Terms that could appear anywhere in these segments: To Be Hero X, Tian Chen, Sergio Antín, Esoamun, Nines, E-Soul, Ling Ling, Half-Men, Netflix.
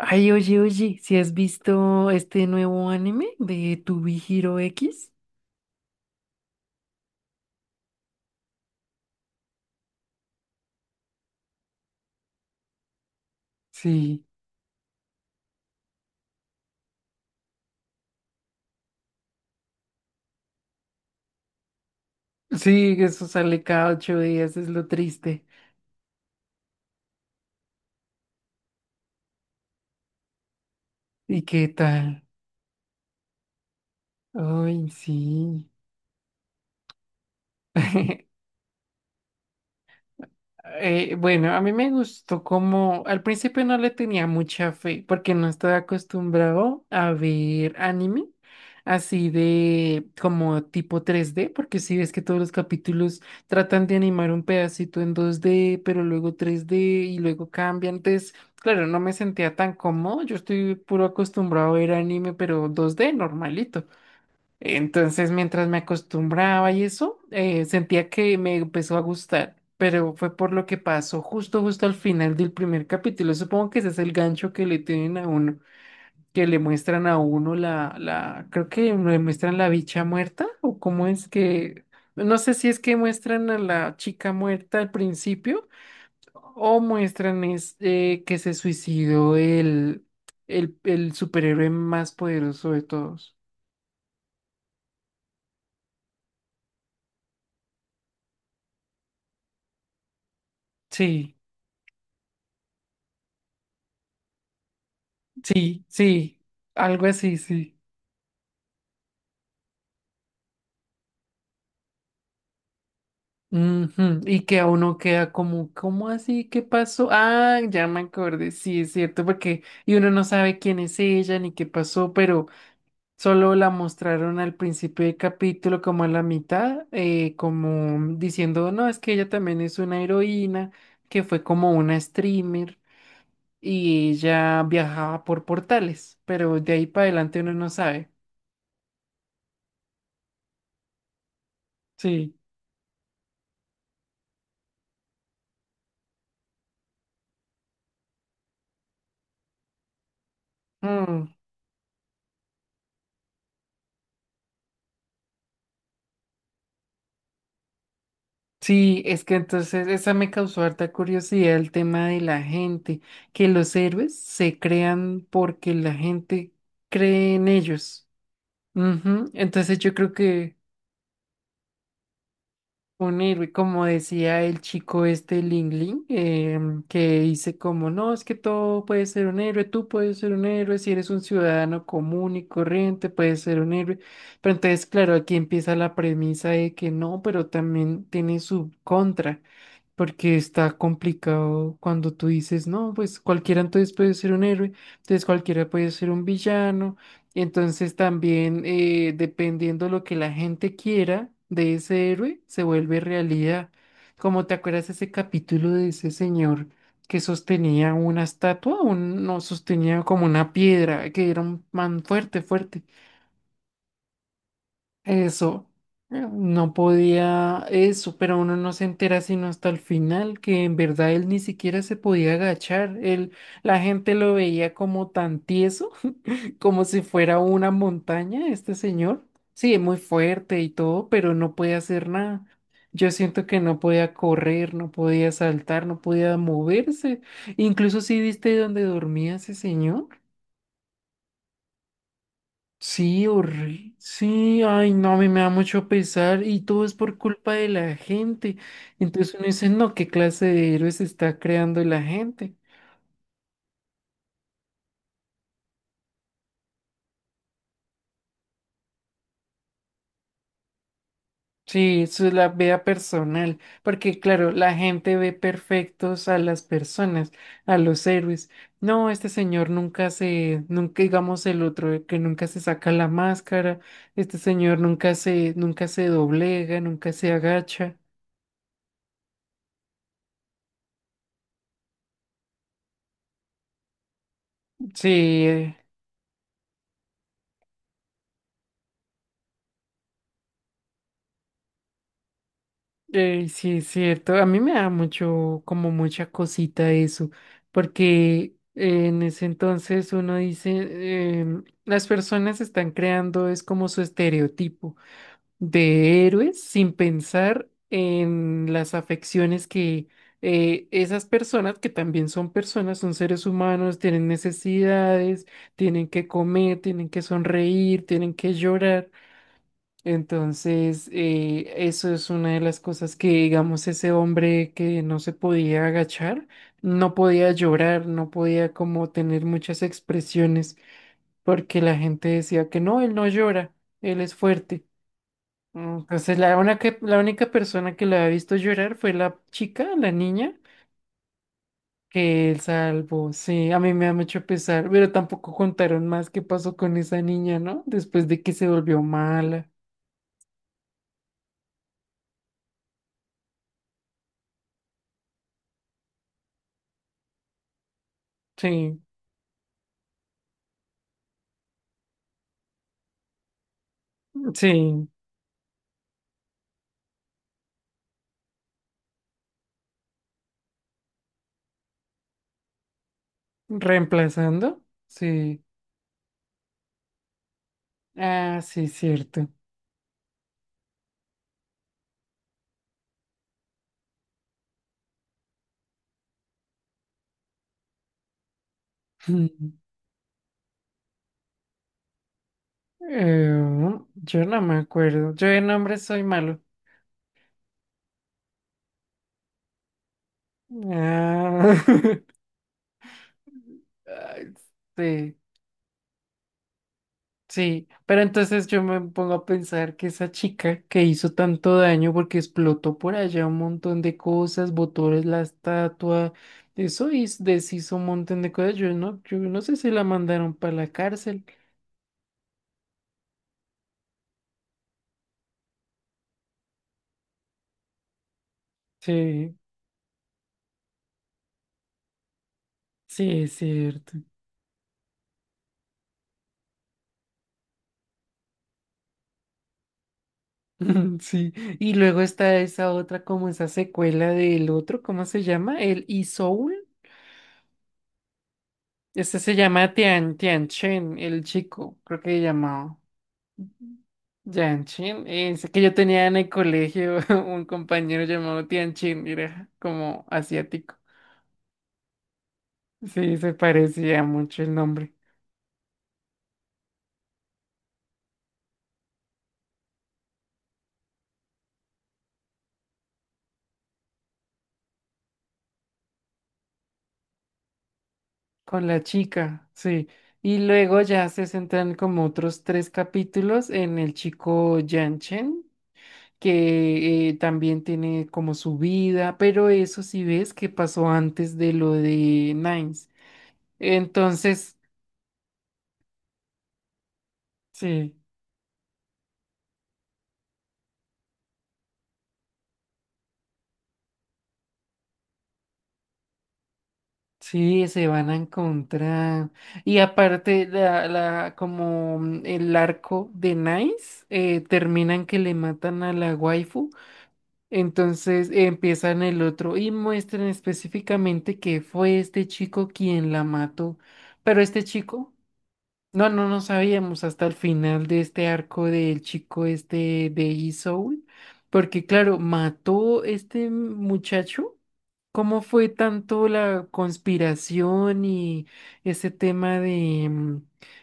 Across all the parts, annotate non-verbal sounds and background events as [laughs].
Ay, oye, ¿si has visto este nuevo anime de To Be Hero X? Sí, sí, eso sale cada 8 días, es lo triste. ¿Y qué tal? Ay, sí. [laughs] Bueno, a mí me gustó como al principio no le tenía mucha fe porque no estaba acostumbrado a ver anime así de como tipo 3D, porque si ves que todos los capítulos tratan de animar un pedacito en 2D, pero luego 3D y luego cambian. Entonces, claro, no me sentía tan cómodo. Yo estoy puro acostumbrado a ver anime, pero 2D normalito. Entonces, mientras me acostumbraba y eso, sentía que me empezó a gustar, pero fue por lo que pasó justo al final del primer capítulo. Supongo que ese es el gancho que le tienen a uno, que le muestran a uno la, creo que le muestran la bicha muerta, o cómo es que, no sé si es que muestran a la chica muerta al principio, o muestran es, que se suicidó el superhéroe más poderoso de todos. Sí. Sí, sí, algo así, sí. Ujú. Y que a uno queda como, ¿cómo así? ¿Qué pasó? Ah, ya me acordé, sí, es cierto, porque y uno no sabe quién es ella ni qué pasó, pero solo la mostraron al principio del capítulo, como a la mitad, como diciendo, no, es que ella también es una heroína, que fue como una streamer y ella viajaba por portales, pero de ahí para adelante uno no sabe. Sí. Mm. Sí, es que entonces esa me causó harta curiosidad el tema de la gente, que los héroes se crean porque la gente cree en ellos. Ujú. Entonces yo creo que un héroe, como decía el chico este Ling Ling, que dice como, no, es que todo puede ser un héroe, tú puedes ser un héroe, si eres un ciudadano común y corriente, puedes ser un héroe. Pero entonces, claro, aquí empieza la premisa de que no, pero también tiene su contra. Porque está complicado cuando tú dices, no, pues cualquiera entonces puede ser un héroe, entonces cualquiera puede ser un villano. Y entonces también dependiendo lo que la gente quiera de ese héroe, se vuelve realidad. Como te acuerdas ese capítulo de ese señor que sostenía una estatua, un, no, sostenía como una piedra, que era un man fuerte, fuerte. Eso, no podía eso, pero uno no se entera sino hasta el final, que en verdad él ni siquiera se podía agachar. Él, la gente lo veía como tan tieso, [laughs] como si fuera una montaña, este señor. Sí, es muy fuerte y todo, pero no podía hacer nada. Yo siento que no podía correr, no podía saltar, no podía moverse. Incluso si viste dónde dormía ese señor. Sí, horrible. Sí, ay, no, a mí me da mucho pesar y todo es por culpa de la gente. Entonces uno dice, no, ¿qué clase de héroes está creando la gente? Sí, eso es la vea personal, porque claro, la gente ve perfectos a las personas, a los héroes. No, este señor nunca digamos el otro, el que nunca se saca la máscara, este señor nunca se doblega, nunca se agacha. Sí, eh, sí, es cierto. A mí me da mucho, como mucha cosita eso, porque en ese entonces uno dice, las personas están creando, es como su estereotipo de héroes sin pensar en las afecciones que esas personas, que también son personas, son seres humanos, tienen necesidades, tienen que comer, tienen que sonreír, tienen que llorar. Entonces, eso es una de las cosas que, digamos, ese hombre que no se podía agachar, no podía llorar, no podía como tener muchas expresiones, porque la gente decía que no, él no llora, él es fuerte. Entonces, la única persona que lo había visto llorar fue la chica, la niña, que él salvó. Sí, a mí me da mucho pesar, pero tampoco contaron más qué pasó con esa niña, ¿no? Después de que se volvió mala. Sí, sí. ¿Reemplazando? Sí. Ah, sí, cierto. [laughs] Eh, yo no me acuerdo. Yo de nombres soy malo. Ah, [laughs] ay, sí, sí. Pero entonces yo me pongo a pensar que esa chica que hizo tanto daño porque explotó por allá un montón de cosas, botó la estatua, eso hiz- deshizo un montón de cosas. Yo no sé si la mandaron para la cárcel. Sí, sí, es cierto. [laughs] Sí, y luego está esa otra, como esa secuela del otro, ¿cómo se llama? El Isoul. Este se llama Tian Chen, el chico, creo que se llamaba. Tian Chen. Es que yo tenía en el colegio [laughs] un compañero llamado Tian Chen, era como asiático. Sí, se parecía mucho el nombre. Con la chica, sí. Y luego ya se centran como otros 3 capítulos en el chico Yan Chen. Que también tiene como su vida, pero eso sí ves que pasó antes de lo de Nines. Entonces, sí, sí, se van a encontrar. Y aparte, la, como mm, el arco de Nines, termina en que le matan a la waifu. Entonces empiezan el otro y muestran específicamente que fue este chico quien la mató. Pero este chico No sabíamos hasta el final de este arco del chico este de E-Soul, porque claro, mató este muchacho. ¿Cómo fue tanto la conspiración y ese tema de mm,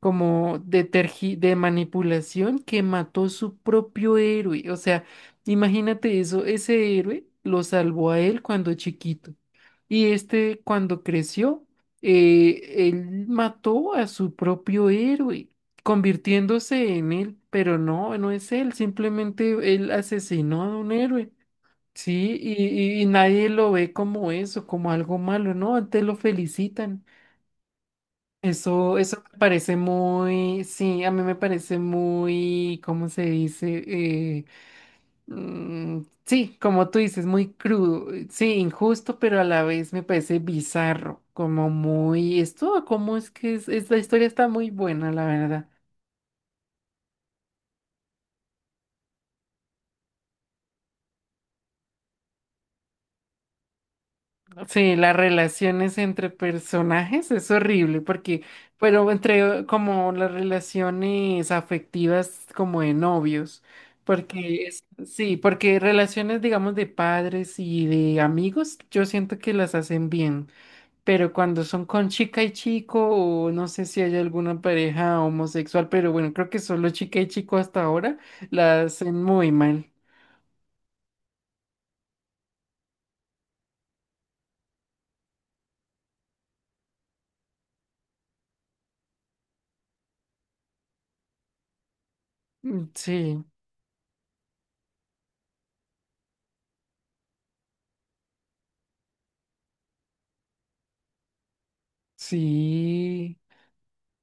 como de tergi- de manipulación que mató su propio héroe? O sea, imagínate eso, ese héroe lo salvó a él cuando chiquito y este cuando creció él mató a su propio héroe, convirtiéndose en él, pero no, no es él, simplemente él asesinó a un héroe, ¿sí? Y nadie lo ve como eso, como algo malo, ¿no? Antes lo felicitan. Eso me parece muy, sí, a mí me parece muy, ¿cómo se dice? Eh. Mm, sí, como tú dices, muy crudo, sí, injusto, pero a la vez me parece bizarro, como muy, esto, como es que es, esta historia está muy buena, la verdad. Sí, las relaciones entre personajes es horrible, porque, pero entre como las relaciones afectivas como de novios, porque es- sí, porque relaciones, digamos, de padres y de amigos, yo siento que las hacen bien. Pero cuando son con chica y chico, o no sé si hay alguna pareja homosexual, pero bueno, creo que solo chica y chico hasta ahora la hacen muy mal. Mm, sí, sí.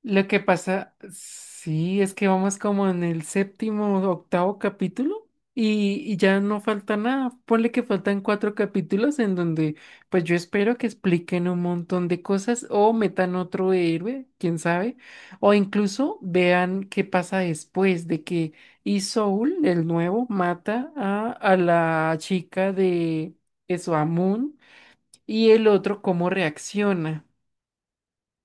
Lo que pasa, sí, es que vamos como en el séptimo, octavo capítulo y ya no falta nada. Ponle que faltan 4 capítulos en donde pues yo espero que expliquen un montón de cosas o metan otro héroe, quién sabe, o incluso vean qué pasa después de que y el nuevo, mata a la chica de Esoamun y el otro cómo reacciona.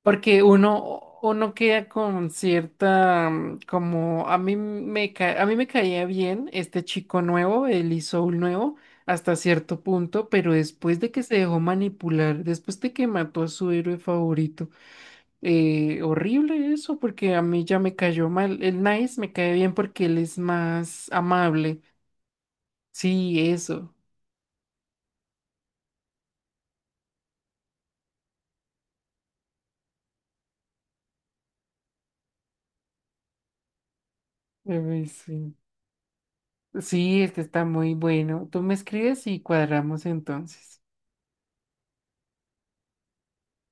Porque uno, uno queda con cierta, mm, como a mí me ca- a mí me caía bien este chico nuevo, el Isoul nuevo, hasta cierto punto, pero después de que se dejó manipular, después de que mató a su héroe favorito, horrible eso, porque a mí ya me cayó mal. El Nice me cae bien porque él es más amable. Sí, eso. Sí, sí, este está muy bueno. Tú me escribes y cuadramos entonces.